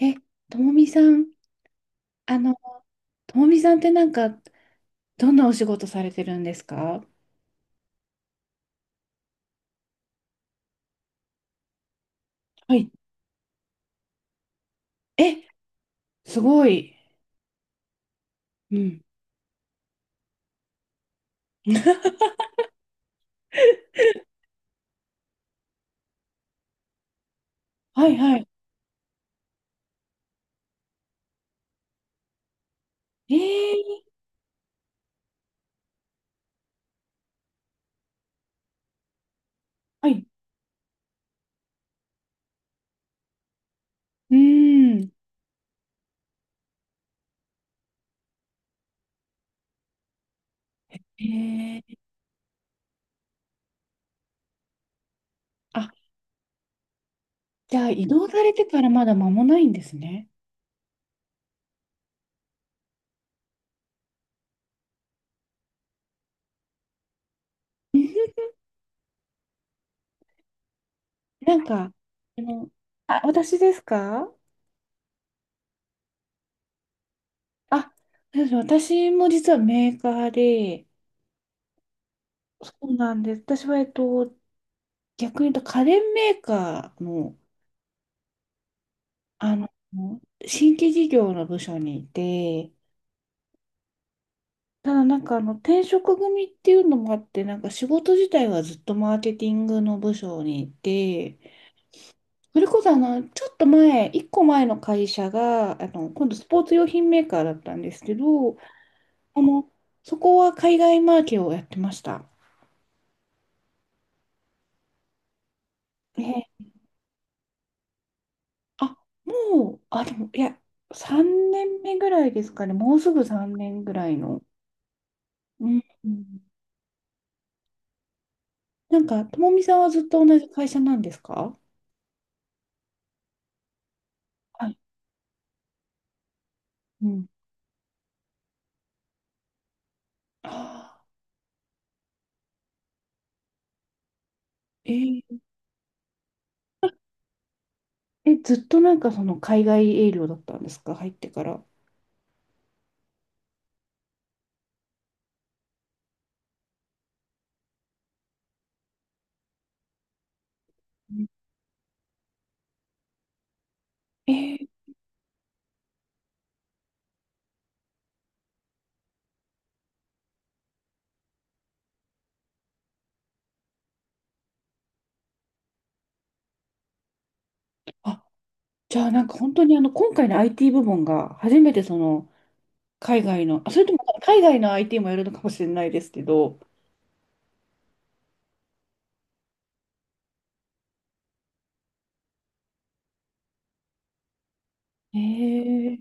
え、ともみさん、あの、ともみさんってなんか、どんなお仕事されてるんですか？はい。え、すごい。うん。はいはい。えー、はい。うーん。えー、あ、じゃあ、移動されてからまだ間もないんですね。なんか、あの、あ、私ですか？あ、そうです。私も実はメーカーで、そうなんです。私は、逆に言うと家電メーカーのあの、新規事業の部署にいて、ただなんかあの転職組っていうのもあって、なんか仕事自体はずっとマーケティングの部署にいて、それこそちょっと前、一個前の会社が、今度スポーツ用品メーカーだったんですけど、あの、そこは海外マーケをやってました。ね、あ、もう、あ、でも、いや、3年目ぐらいですかね、もうすぐ3年ぐらいの。うん。なんか、ともみさんはずっと同じ会社なんですか？はい。うん。あーえーえ、ずっとなんかその海外営業だったんですか？入ってから。うん。えーあ、じゃあなんか本当に今回の IT 部門が初めてその、海外の、あ、それとも海外の IT もやるのかもしれないですけど、えー、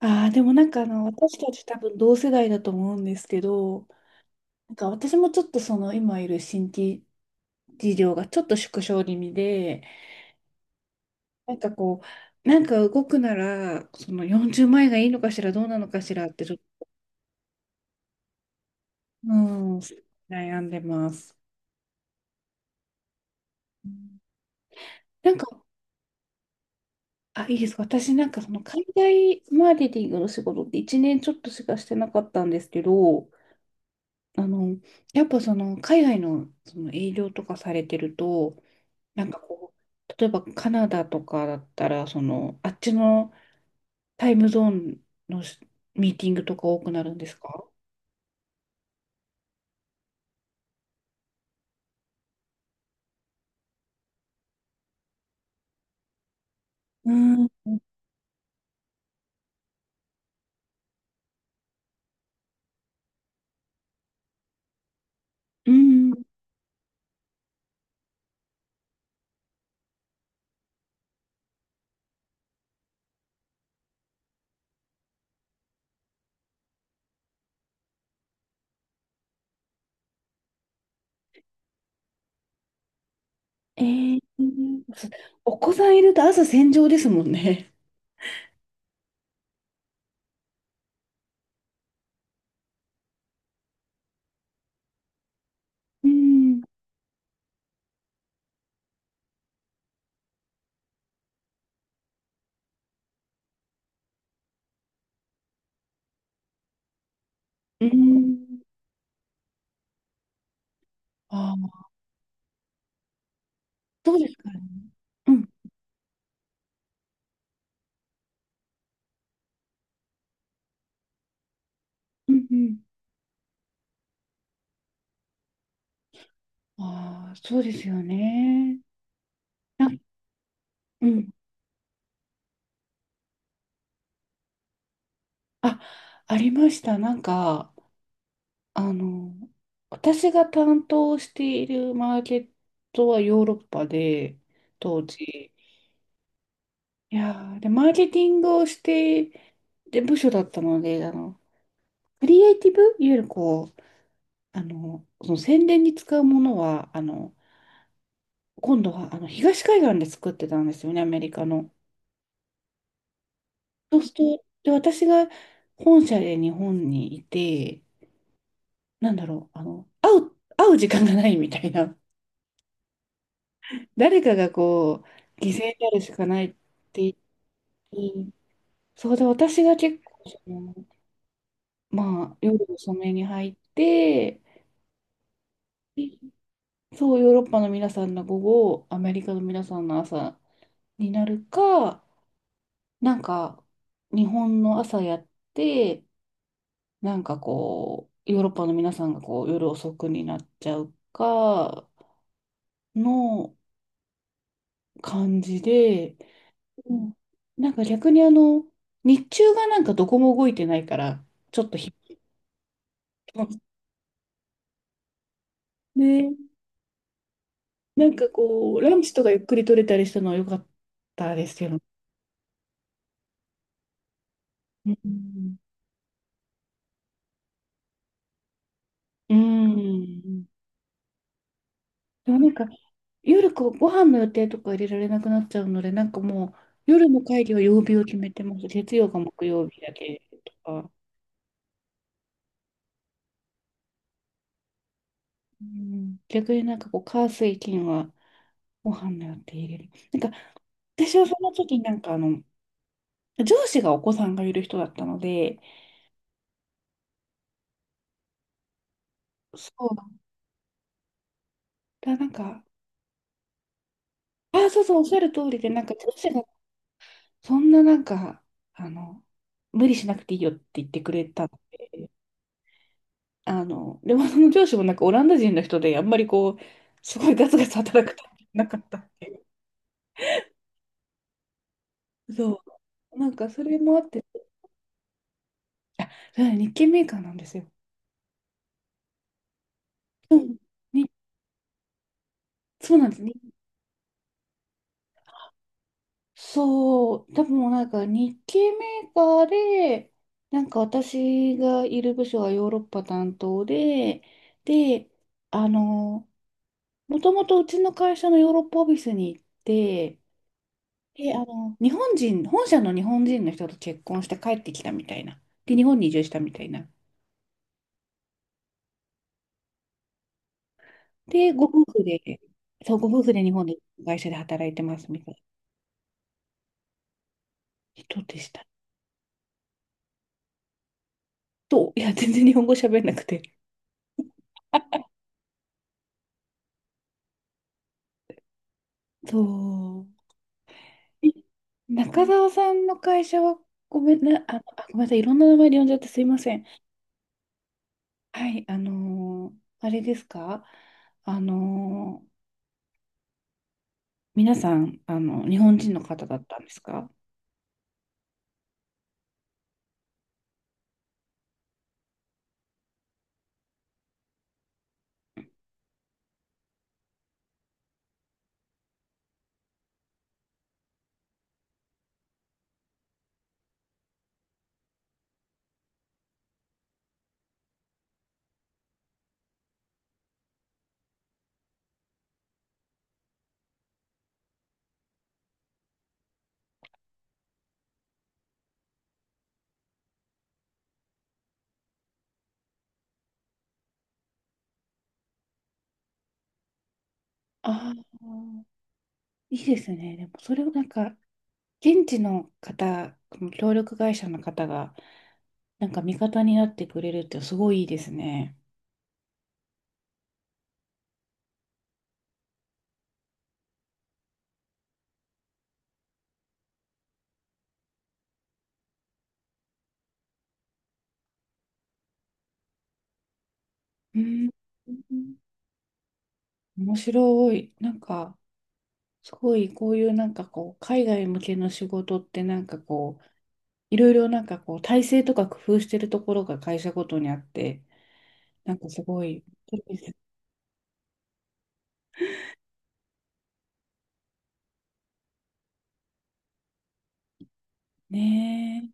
でもなんか私たち多分同世代だと思うんですけど、なんか私もちょっとその今いる新規事業がちょっと縮小気味で、なんかこう、なんか動くなら、その40円がいいのかしら、どうなのかしらって、ちょっと、うん、悩んでます。うん。なんか、あ、いいです。私なんかその海外マーケティングの仕事って1年ちょっとしかしてなかったんですけど、あの、やっぱその海外のその営業とかされてると、なんかこう、例えばカナダとかだったら、その、あっちのタイムゾーンのミーティングとか多くなるんですか？うん。うん。えー、お子さんいると朝戦場ですもんね。うん。うん。ああ、そうですからね。うん。うん。うん。ああ、そうですよね。なうん。あ、ありました。なんか、あの、私が担当しているマーケットはヨーロッパで、当時。いやーで、マーケティングをして、で、部署だったので、クリエイティブ、いわゆるこう、その宣伝に使うものは、今度はあの東海岸で作ってたんですよね、アメリカの。そうすると、で、私が本社で日本にいて、なんだろう、会う時間がないみたいな。誰かがこう、犠牲になるしかないって言って、そうで、私が結構、その、まあ、夜遅めに入って、そう、ヨーロッパの皆さんの午後、アメリカの皆さんの朝になるか、なんか、日本の朝やって、なんかこう、ヨーロッパの皆さんがこう、夜遅くになっちゃうか、の感じで、うん。なんか逆に日中がなんかどこも動いてないから、ちょっとね、なんかこう、ランチとかゆっくり取れたりしたのは良かったですけど。うん。うん。でもなんか、夜こうご飯の予定とか入れられなくなっちゃうので、なんかもう、夜の会議は曜日を決めてます。月曜か木曜日だけとか。うん、逆になんかこう、火水金はご飯の予定入れる。なんか、私はその時になんか上司がお子さんがいる人だったので、そう、だなんか、あ、そうそう、おっしゃる通りで、なんか上司がそんななんか、あの、無理しなくていいよって言ってくれたので、レモンの上司もなんかオランダ人の人で、あんまりこう、すごいガツガツ働くタイプじゃなかったっていう。そう。なんかそれもあって、あ、それは日系メーカーなんですよ。うん。に、そうなんですね。そう、多分なんか日系メーカーで、なんか私がいる部署はヨーロッパ担当で、で、あの、もともとうちの会社のヨーロッパオフィスに行って、で、日本人、本社の日本人の人と結婚して帰ってきたみたいな。で、日本に移住したみたいな。で、ご夫婦で、そう、ご夫婦で日本で会社で働いてますみたいな人でした。いや、全然日本語喋れなくて。そう。中澤さんの会社は、ごめんなさい、いろんな名前で呼んじゃってすいません。はい、あれですか？あのー皆さん、日本人の方だったんですか？ああー。いいですね。でも、それをなんか、現地の方、この協力会社の方が、なんか味方になってくれるってすごいいいですね。うん。面白い。なんか、すごいこういうなんかこう、海外向けの仕事ってなんかこう、いろいろなんかこう、体制とか工夫してるところが会社ごとにあって、なんかすごい、いいですね